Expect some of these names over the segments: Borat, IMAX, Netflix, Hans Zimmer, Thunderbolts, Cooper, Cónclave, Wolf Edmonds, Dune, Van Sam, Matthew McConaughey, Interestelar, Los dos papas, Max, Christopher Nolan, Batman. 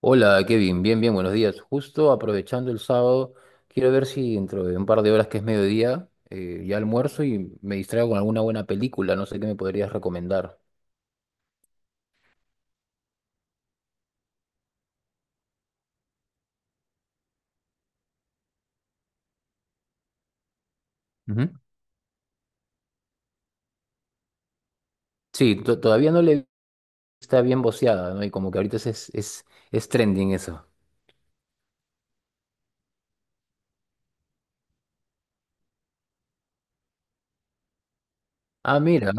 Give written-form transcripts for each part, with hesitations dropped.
Hola Kevin, bien, buenos días. Justo aprovechando el sábado, quiero ver si dentro de un par de horas que es mediodía, ya almuerzo y me distraigo con alguna buena película, no sé qué me podrías recomendar. Ujú. Sí, todavía no le está bien voceada, ¿no? Y como que ahorita es trending eso. Ah, mira.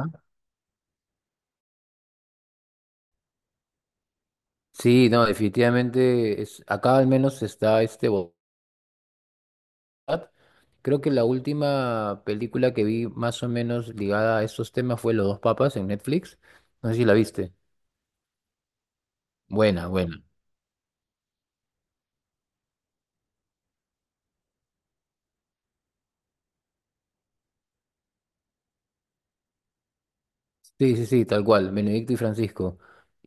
Sí, no, definitivamente es, acá al menos está este Borat. Creo que la última película que vi más o menos ligada a estos temas fue Los dos papas en Netflix. No sé si la viste. Buena, buena. Sí, sí, sí, tal cual, Benedicto y Francisco.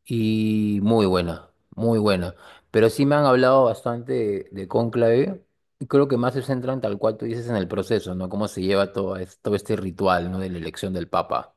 Y muy buena, muy buena. Pero sí me han hablado bastante de Cónclave. Y creo que más se centran, tal cual tú dices, en el proceso, ¿no? Cómo se lleva todo, todo este ritual, ¿no? De la elección del Papa.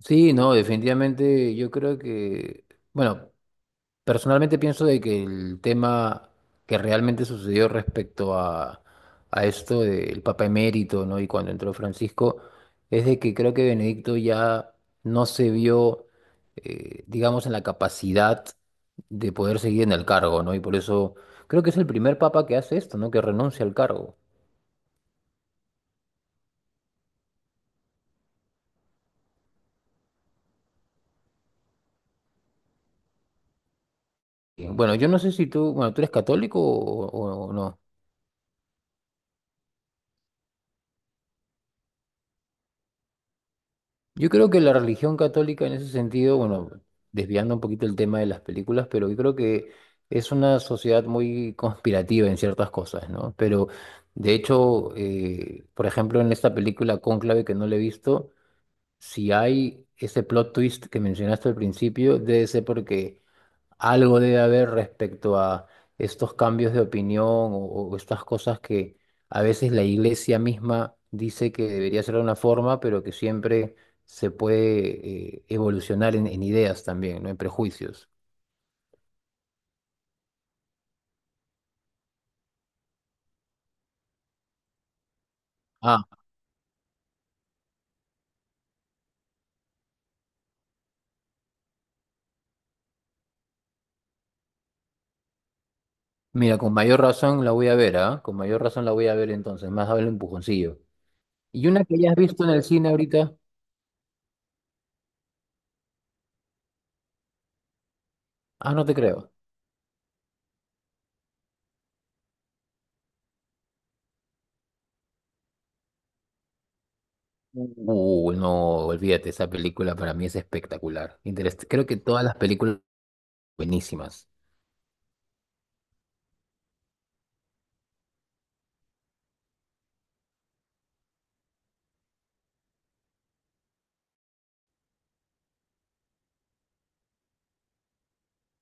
Sí, no, definitivamente yo creo que, bueno, personalmente pienso de que el tema que realmente sucedió respecto a esto del Papa emérito, ¿no? Y cuando entró Francisco, es de que creo que Benedicto ya no se vio, digamos, en la capacidad de poder seguir en el cargo, ¿no? Y por eso creo que es el primer papa que hace esto, ¿no? Que renuncia al cargo. Bueno, yo no sé si tú, bueno, ¿tú eres católico o no? Yo creo que la religión católica en ese sentido, bueno, desviando un poquito el tema de las películas, pero yo creo que es una sociedad muy conspirativa en ciertas cosas, ¿no? Pero de hecho, por ejemplo, en esta película Cónclave que no le he visto, si hay ese plot twist que mencionaste al principio, debe ser porque algo debe haber respecto a estos cambios de opinión o estas cosas que a veces la iglesia misma dice que debería ser de una forma, pero que siempre se puede evolucionar en ideas también, ¿no? En prejuicios. Ah, mira, con mayor razón la voy a ver, ¿ah? Con mayor razón la voy a ver entonces, más vale un empujoncillo. ¿Y una que hayas visto en el cine ahorita? Ah, no te creo. No, olvídate, esa película para mí es espectacular. Creo que todas las películas buenísimas.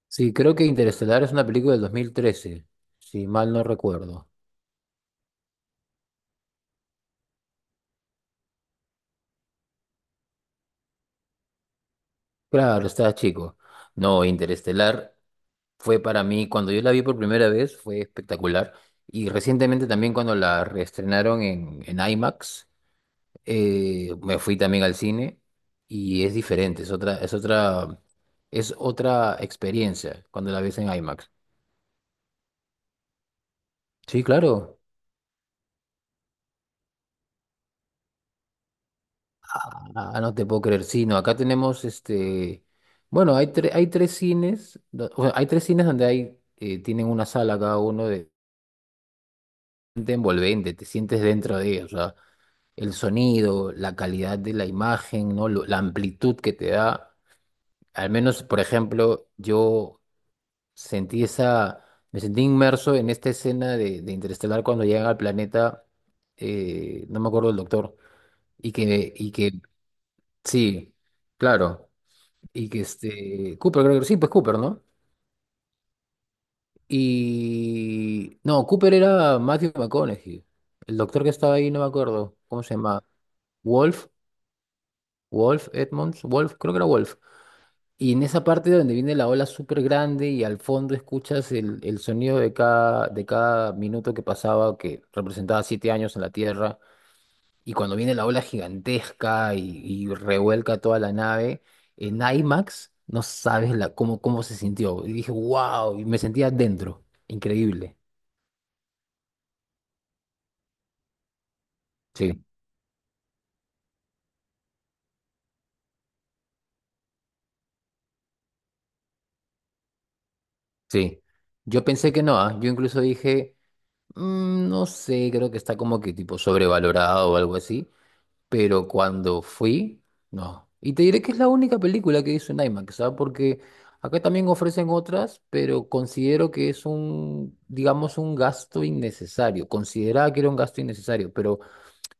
Sí, creo que Interestelar es una película del 2013, si mal no recuerdo. Claro, estaba chico. No, Interestelar fue para mí, cuando yo la vi por primera vez, fue espectacular. Y recientemente también cuando la reestrenaron en IMAX, me fui también al cine y es diferente, es otra, es otra experiencia cuando la ves en IMAX. Sí, claro. Ah, no te puedo creer, sí, no, acá tenemos este, bueno, hay, hay 3 cines, o sea, hay 3 cines donde hay, tienen una sala cada uno de envolvente, te sientes dentro de ella, o sea, el sonido, la calidad de la imagen, ¿no? La amplitud que te da, al menos, por ejemplo, yo sentí esa, me sentí inmerso en esta escena de Interestelar cuando llegan al planeta, no me acuerdo del doctor, y que, sí, claro. Y que este. Cooper, creo que sí, pues Cooper, ¿no? Y. No, Cooper era Matthew McConaughey. El doctor que estaba ahí, no me acuerdo. ¿Cómo se llama? Wolf. Wolf Edmonds. Wolf, creo que era Wolf. Y en esa parte donde viene la ola súper grande y al fondo escuchas el sonido de cada minuto que pasaba, que representaba 7 años en la Tierra. Y cuando viene la ola gigantesca y revuelca toda la nave, en IMAX no sabes la, cómo, cómo se sintió. Y dije, wow, y me sentía dentro. Increíble. Sí, sí. Yo pensé que no, ¿ah? Yo incluso dije, no sé, creo que está como que tipo sobrevalorado o algo así. Pero cuando fui, no. Y te diré que es la única película que hizo en IMAX, ¿sabes? Porque acá también ofrecen otras, pero considero que es un, digamos, un gasto innecesario. Consideraba que era un gasto innecesario, pero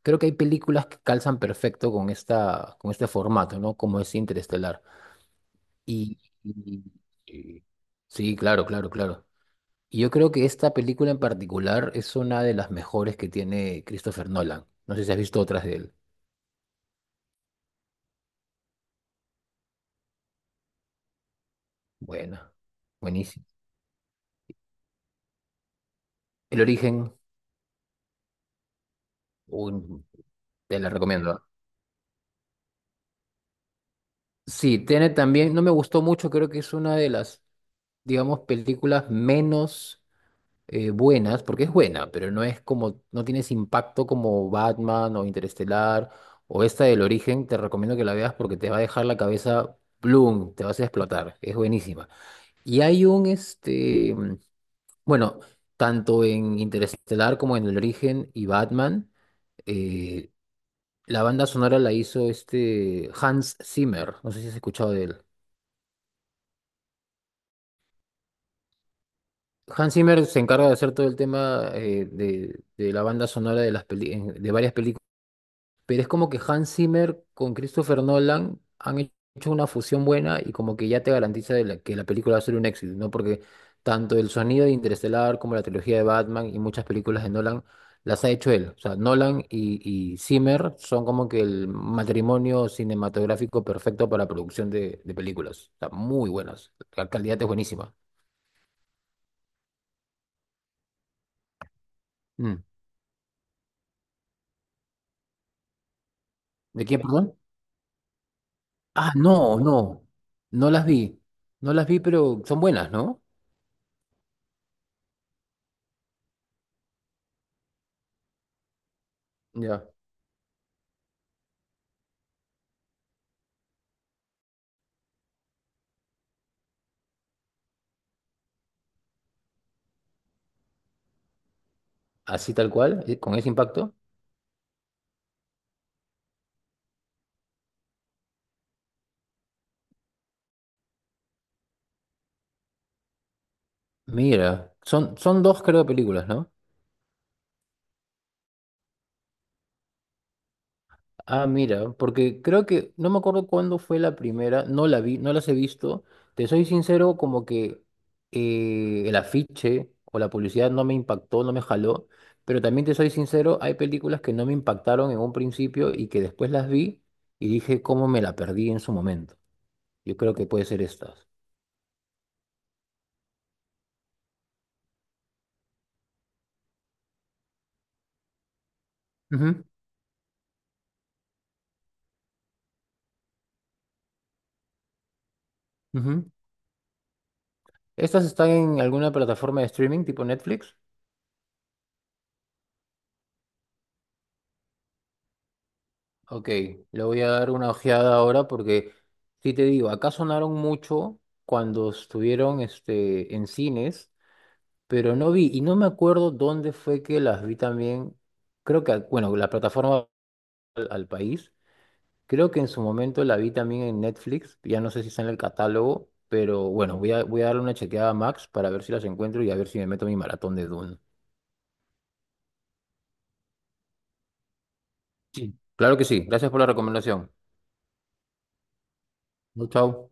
creo que hay películas que calzan perfecto con esta, con este formato, ¿no? Como es Interestelar. Y, y- y- sí, claro, claro, claro. Y yo creo que esta película en particular es una de las mejores que tiene Christopher Nolan. No sé si has visto otras de él. Buena. Buenísima. El origen, uy, te la recomiendo. Sí, tiene también, no me gustó mucho, creo que es una de las, digamos, películas menos buenas, porque es buena, pero no es como, no tienes impacto como Batman o Interestelar o esta del origen, te recomiendo que la veas porque te va a dejar la cabeza bloom, te vas a explotar, es buenísima. Y hay un, este, bueno, tanto en Interestelar como en el origen y Batman. eh, La banda sonora la hizo este Hans Zimmer, no sé si has escuchado de él. Hans Zimmer se encarga de hacer todo el tema de la banda sonora de las de varias películas. Pero es como que Hans Zimmer con Christopher Nolan han hecho una fusión buena y como que ya te garantiza de que la película va a ser un éxito, ¿no? Porque tanto el sonido de Interestelar como la trilogía de Batman y muchas películas de Nolan las ha hecho él. O sea, Nolan y Zimmer son como que el matrimonio cinematográfico perfecto para producción de películas. O sea, muy buenas. La calidad es buenísima. Mm. ¿De quién, perdón? Ah, no, no. No las vi. No las vi, pero son buenas, ¿no? Ya. Así tal cual, con ese impacto. Mira, son dos creo películas, ¿no? Ah, mira, porque creo que no me acuerdo cuándo fue la primera, no la vi, no las he visto. Te soy sincero, como que el afiche o la publicidad no me impactó, no me jaló, pero también te soy sincero, hay películas que no me impactaron en un principio y que después las vi y dije cómo me la perdí en su momento. Yo creo que puede ser estas. Ujú, ujú. ¿Estas están en alguna plataforma de streaming tipo Netflix? Ok, le voy a dar una ojeada ahora porque, sí te digo, acá sonaron mucho cuando estuvieron este, en cines, pero no vi, y no me acuerdo dónde fue que las vi también, creo que, bueno, la plataforma al país, creo que en su momento la vi también en Netflix, ya no sé si está en el catálogo, pero bueno, voy a darle una chequeada a Max para ver si las encuentro y a ver si me meto mi maratón de Dune. Sí. Claro que sí, gracias por la recomendación. Chau, chau.